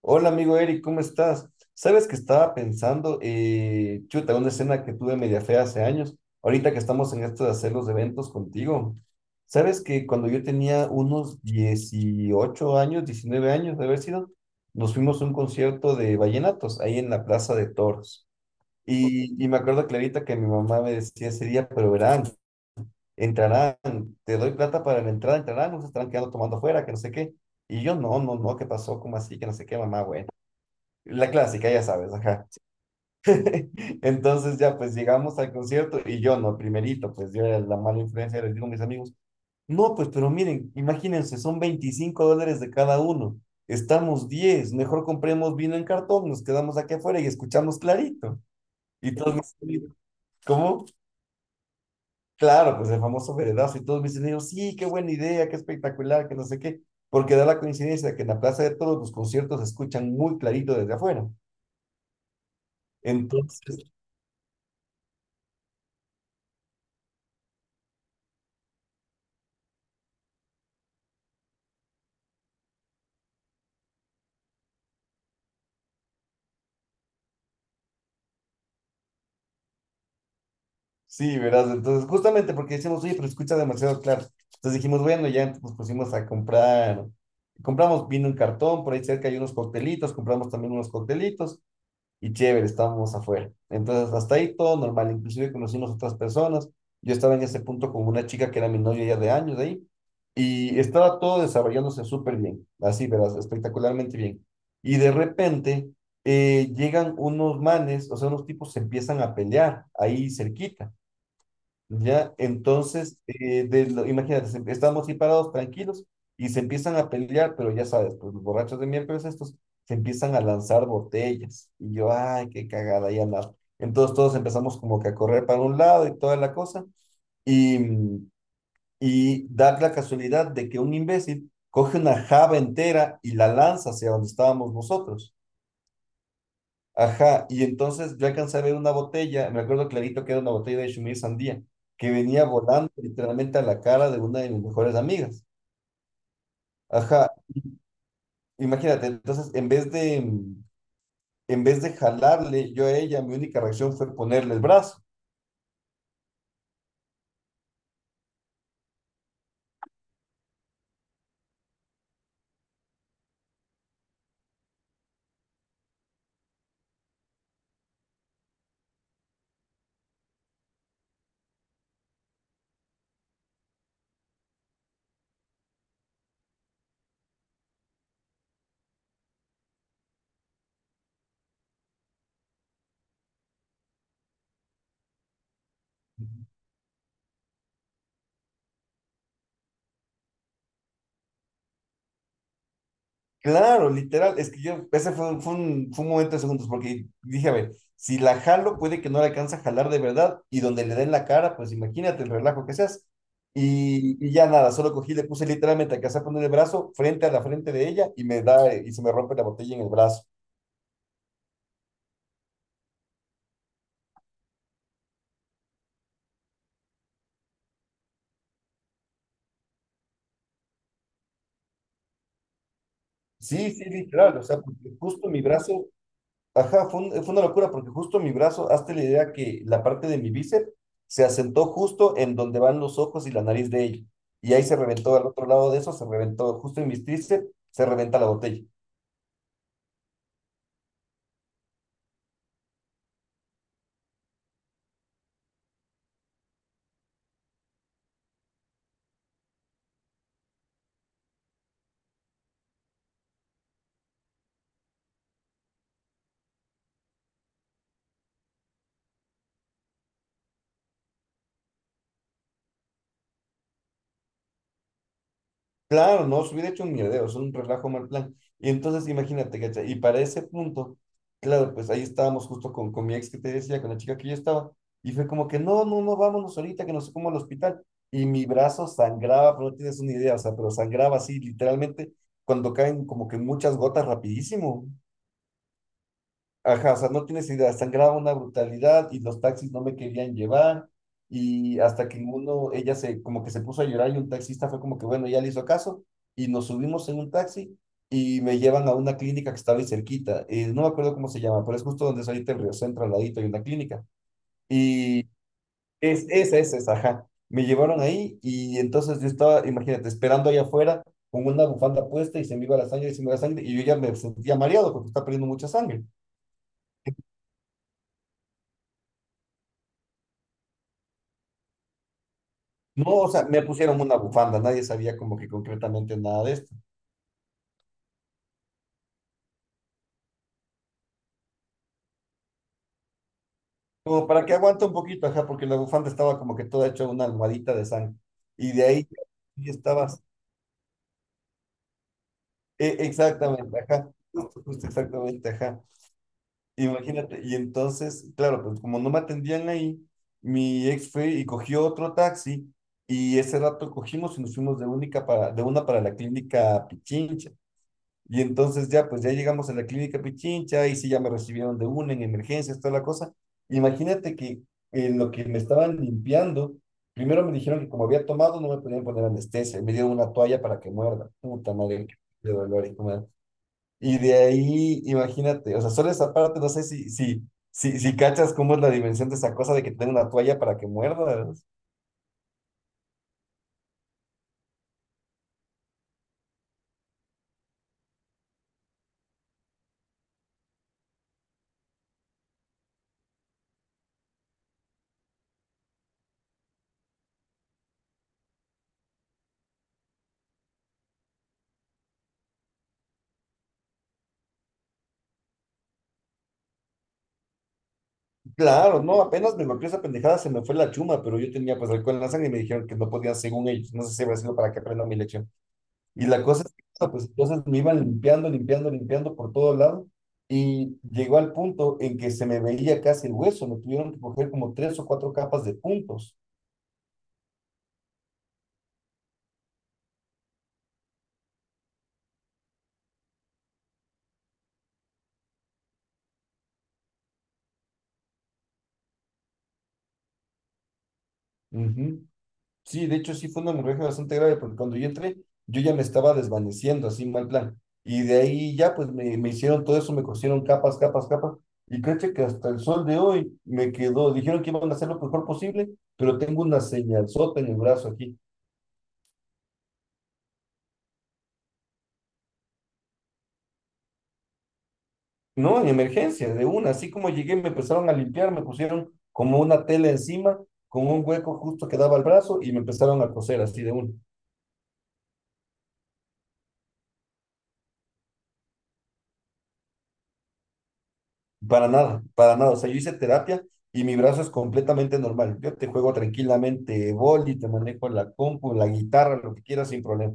Hola amigo Eric, ¿cómo estás? Sabes que estaba pensando, chuta, una escena que tuve media fea hace años, ahorita que estamos en esto de hacer los eventos contigo. Sabes que cuando yo tenía unos 18 años, 19 años de haber sido, nos fuimos a un concierto de vallenatos ahí en la Plaza de Toros. Y me acuerdo clarita que mi mamá me decía ese día, pero verán, entrarán, te doy plata para la entrada, entrarán, nos estarán quedando tomando afuera, que no sé qué. Y yo, no, no, no, ¿qué pasó? ¿Cómo así? Que no sé qué, mamá, bueno. La clásica, ya sabes, ajá. Entonces ya pues llegamos al concierto y yo no, primerito, pues yo era la mala influencia, les digo a mis amigos, no, pues pero miren, imagínense, son $25 de cada uno, estamos 10 mejor compremos vino en cartón, nos quedamos aquí afuera y escuchamos clarito. Y todos mis amigos, ¿cómo? Claro, pues el famoso veredazo y todos mis amigos, sí, qué buena idea, qué espectacular, que no sé qué, porque da la coincidencia que en la Plaza de Todos los conciertos se escuchan muy clarito desde afuera. Entonces... Sí, verás, entonces justamente porque decíamos, oye, pero escucha demasiado claro. Entonces dijimos, bueno, ya nos pusimos a comprar, compramos vino en cartón, por ahí cerca hay unos coctelitos, compramos también unos coctelitos y chévere, estábamos afuera. Entonces hasta ahí todo normal, inclusive conocimos otras personas. Yo estaba en ese punto con una chica que era mi novia ya de años de ahí y estaba todo desarrollándose súper bien, así, verás, espectacularmente bien. Y de repente llegan unos manes, o sea, unos tipos se empiezan a pelear ahí cerquita. Ya, entonces, imagínate, estamos así parados, tranquilos, y se empiezan a pelear, pero ya sabes, pues los borrachos de miércoles estos se empiezan a lanzar botellas. Y yo, ay, qué cagada, ya nada. Entonces todos empezamos como que a correr para un lado y toda la cosa. Y, mm, y da la casualidad de que un imbécil coge una jaba entera y la lanza hacia donde estábamos nosotros. Ajá, y entonces yo alcancé a ver una botella, me acuerdo clarito que era una botella de Shumir Sandía, que venía volando literalmente a la cara de una de mis mejores amigas. Ajá, imagínate, entonces en vez de jalarle yo a ella, mi única reacción fue ponerle el brazo. Claro, literal, es que yo, ese fue, un, fue un momento de segundos, porque dije, a ver, si la jalo, puede que no la alcance a jalar de verdad, y donde le den la cara, pues imagínate el relajo que seas. Y ya nada, solo cogí, le puse literalmente, alcancé a poner el brazo frente a la frente de ella, y me da, y se me rompe la botella en el brazo. Sí, sí, literal, o sea, porque justo mi brazo ajá, fue, un- fue una locura porque justo mi brazo, hazte la idea que la parte de mi bíceps se asentó justo en donde van los ojos y la nariz de ella. Y ahí se reventó, al otro lado de eso se reventó, justo en mis tríceps se reventa la botella. Claro, no, se hubiera hecho un mierdero, es un relajo mal plan. Y entonces imagínate, ¿cachai? Y para ese punto, claro, pues ahí estábamos justo con mi ex que te decía, con la chica que yo estaba, y fue como que no, no, no, vámonos ahorita, que no sé cómo al hospital. Y mi brazo sangraba, pero no tienes una idea, o sea, pero sangraba así, literalmente, cuando caen como que muchas gotas rapidísimo. Ajá, o sea, no tienes idea, sangraba una brutalidad y los taxis no me querían llevar y hasta que en uno, ella se, como que se puso a llorar y un taxista fue como que, bueno, ya le hizo caso y nos subimos en un taxi y me llevan a una clínica que estaba ahí cerquita, no me acuerdo cómo se llama, pero es justo donde es ahorita el Río Centro, al ladito hay una clínica y es esa, ajá. Me llevaron ahí y entonces yo estaba, imagínate, esperando allá afuera con una bufanda puesta y se me iba la sangre y se me iba la sangre y yo ya me sentía mareado porque estaba perdiendo mucha sangre. No, o sea, me pusieron una bufanda, nadie sabía como que concretamente nada de esto. Como para que aguante un poquito, ajá, porque la bufanda estaba como que toda hecha una almohadita de sangre. Y de ahí y estabas. E- exactamente, ajá. Justo, justo, exactamente, ajá. Imagínate. Y entonces, claro, pues como no me atendían ahí, mi ex fue y cogió otro taxi. Y ese rato cogimos y nos fuimos de única para, de una para la clínica Pichincha. Y entonces ya, pues ya llegamos a la clínica Pichincha, y sí ya me recibieron de una en emergencias, toda la cosa. Imagínate que lo que me estaban limpiando, primero me dijeron que como había tomado no me podían poner anestesia, y me dieron una toalla para que muerda. Puta madre, qué dolor y cómo era. Y de ahí, imagínate, o sea, solo esa parte, no sé si cachas cómo es la dimensión de esa cosa de que te den una toalla para que muerda, ¿no? Claro, no, apenas me golpeó esa pendejada, se me fue la chuma, pero yo tenía pues alcohol en la sangre y me dijeron que no podía, según ellos, no sé si habrá sido para que aprenda mi lección. Y la cosa es que, no, pues entonces me iban limpiando por todo lado y llegó al punto en que se me veía casi el hueso, me tuvieron que coger como tres o cuatro capas de puntos. Ujú. Sí, de hecho sí fue una hemorragia bastante grave porque cuando yo entré yo ya me estaba desvaneciendo, así mal plan. Y de ahí ya pues me hicieron todo eso, me cosieron capas, capas, capas. Y créete que hasta el sol de hoy me quedó, dijeron que iban a hacer lo mejor posible, pero tengo una señalzota en el brazo aquí. No, en emergencia, de una. Así como llegué me empezaron a limpiar, me pusieron como una tela encima, con un hueco justo que daba al brazo y me empezaron a coser así de una. Para nada, para nada. O sea, yo hice terapia y mi brazo es completamente normal. Yo te juego tranquilamente boli, te manejo la compu, la guitarra, lo que quieras sin problema.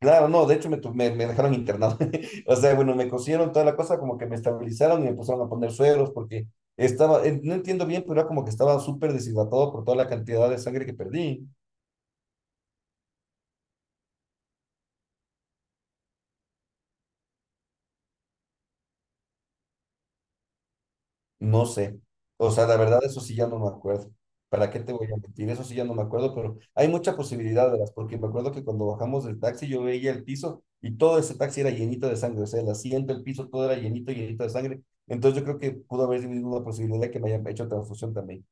Claro, no, de hecho me dejaron internado. O sea, bueno, me cosieron toda la cosa, como que me estabilizaron y me pusieron a poner sueros porque estaba, no entiendo bien, pero era como que estaba súper deshidratado por toda la cantidad de sangre que perdí. No sé. O sea, la verdad, eso sí ya no me acuerdo. ¿Para qué te voy a mentir? Eso sí ya no me acuerdo, pero hay mucha posibilidad, verás, porque me acuerdo que cuando bajamos del taxi yo veía el piso y todo ese taxi era llenito de sangre. O sea, el asiento, el piso, todo era llenito, llenito de sangre. Entonces yo creo que pudo haber sido una posibilidad de que me hayan hecho transfusión también.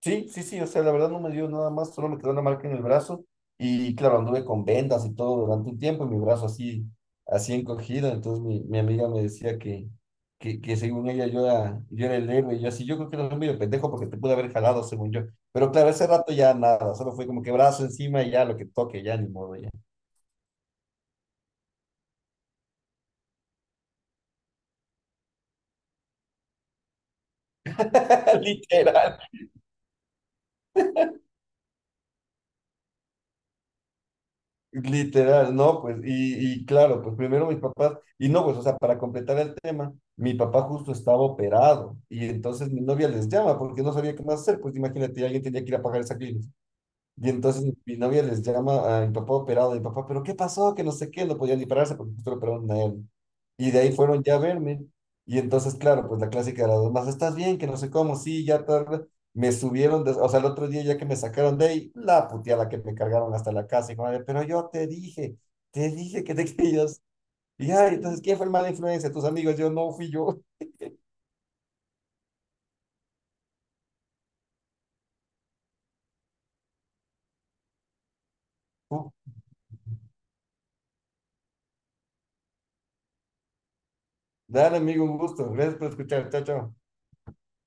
Sí, sí, sí, o sea, la verdad no me dio nada más, solo me quedó una marca en el brazo y claro, anduve con vendas y todo durante un tiempo y mi brazo así, así encogido, entonces mi amiga me decía que, que según ella yo era el héroe y yo así, yo creo que era medio pendejo porque te pude haber jalado según yo, pero claro, ese rato ya nada, solo fue como que brazo encima y ya lo que toque, ya ni modo, ya, literal. Literal, no, pues, y claro, pues primero mis papás, y no, pues, o sea, para completar el tema, mi papá justo estaba operado, y entonces mi novia les llama porque no sabía qué más hacer, pues imagínate, alguien tenía que ir a pagar esa clínica. Y entonces mi novia les llama a mi papá operado, y papá, ¿pero qué pasó? Que no sé qué, no podían ni pararse porque justo lo operaron a él. Y de ahí fueron ya a verme. Y entonces, claro, pues la clásica de las demás, ¿estás bien? Que no sé cómo, sí, ya tarde. Me subieron, de- o sea, el otro día ya que me sacaron de ahí, la puteada la que me cargaron hasta la casa. Y como, pero yo te dije que te querías. Y ay, entonces, ¿quién fue el mala influencia? Tus amigos, yo no fui yo. Dale, amigo, un gusto. Gracias por escuchar. Chao, chao.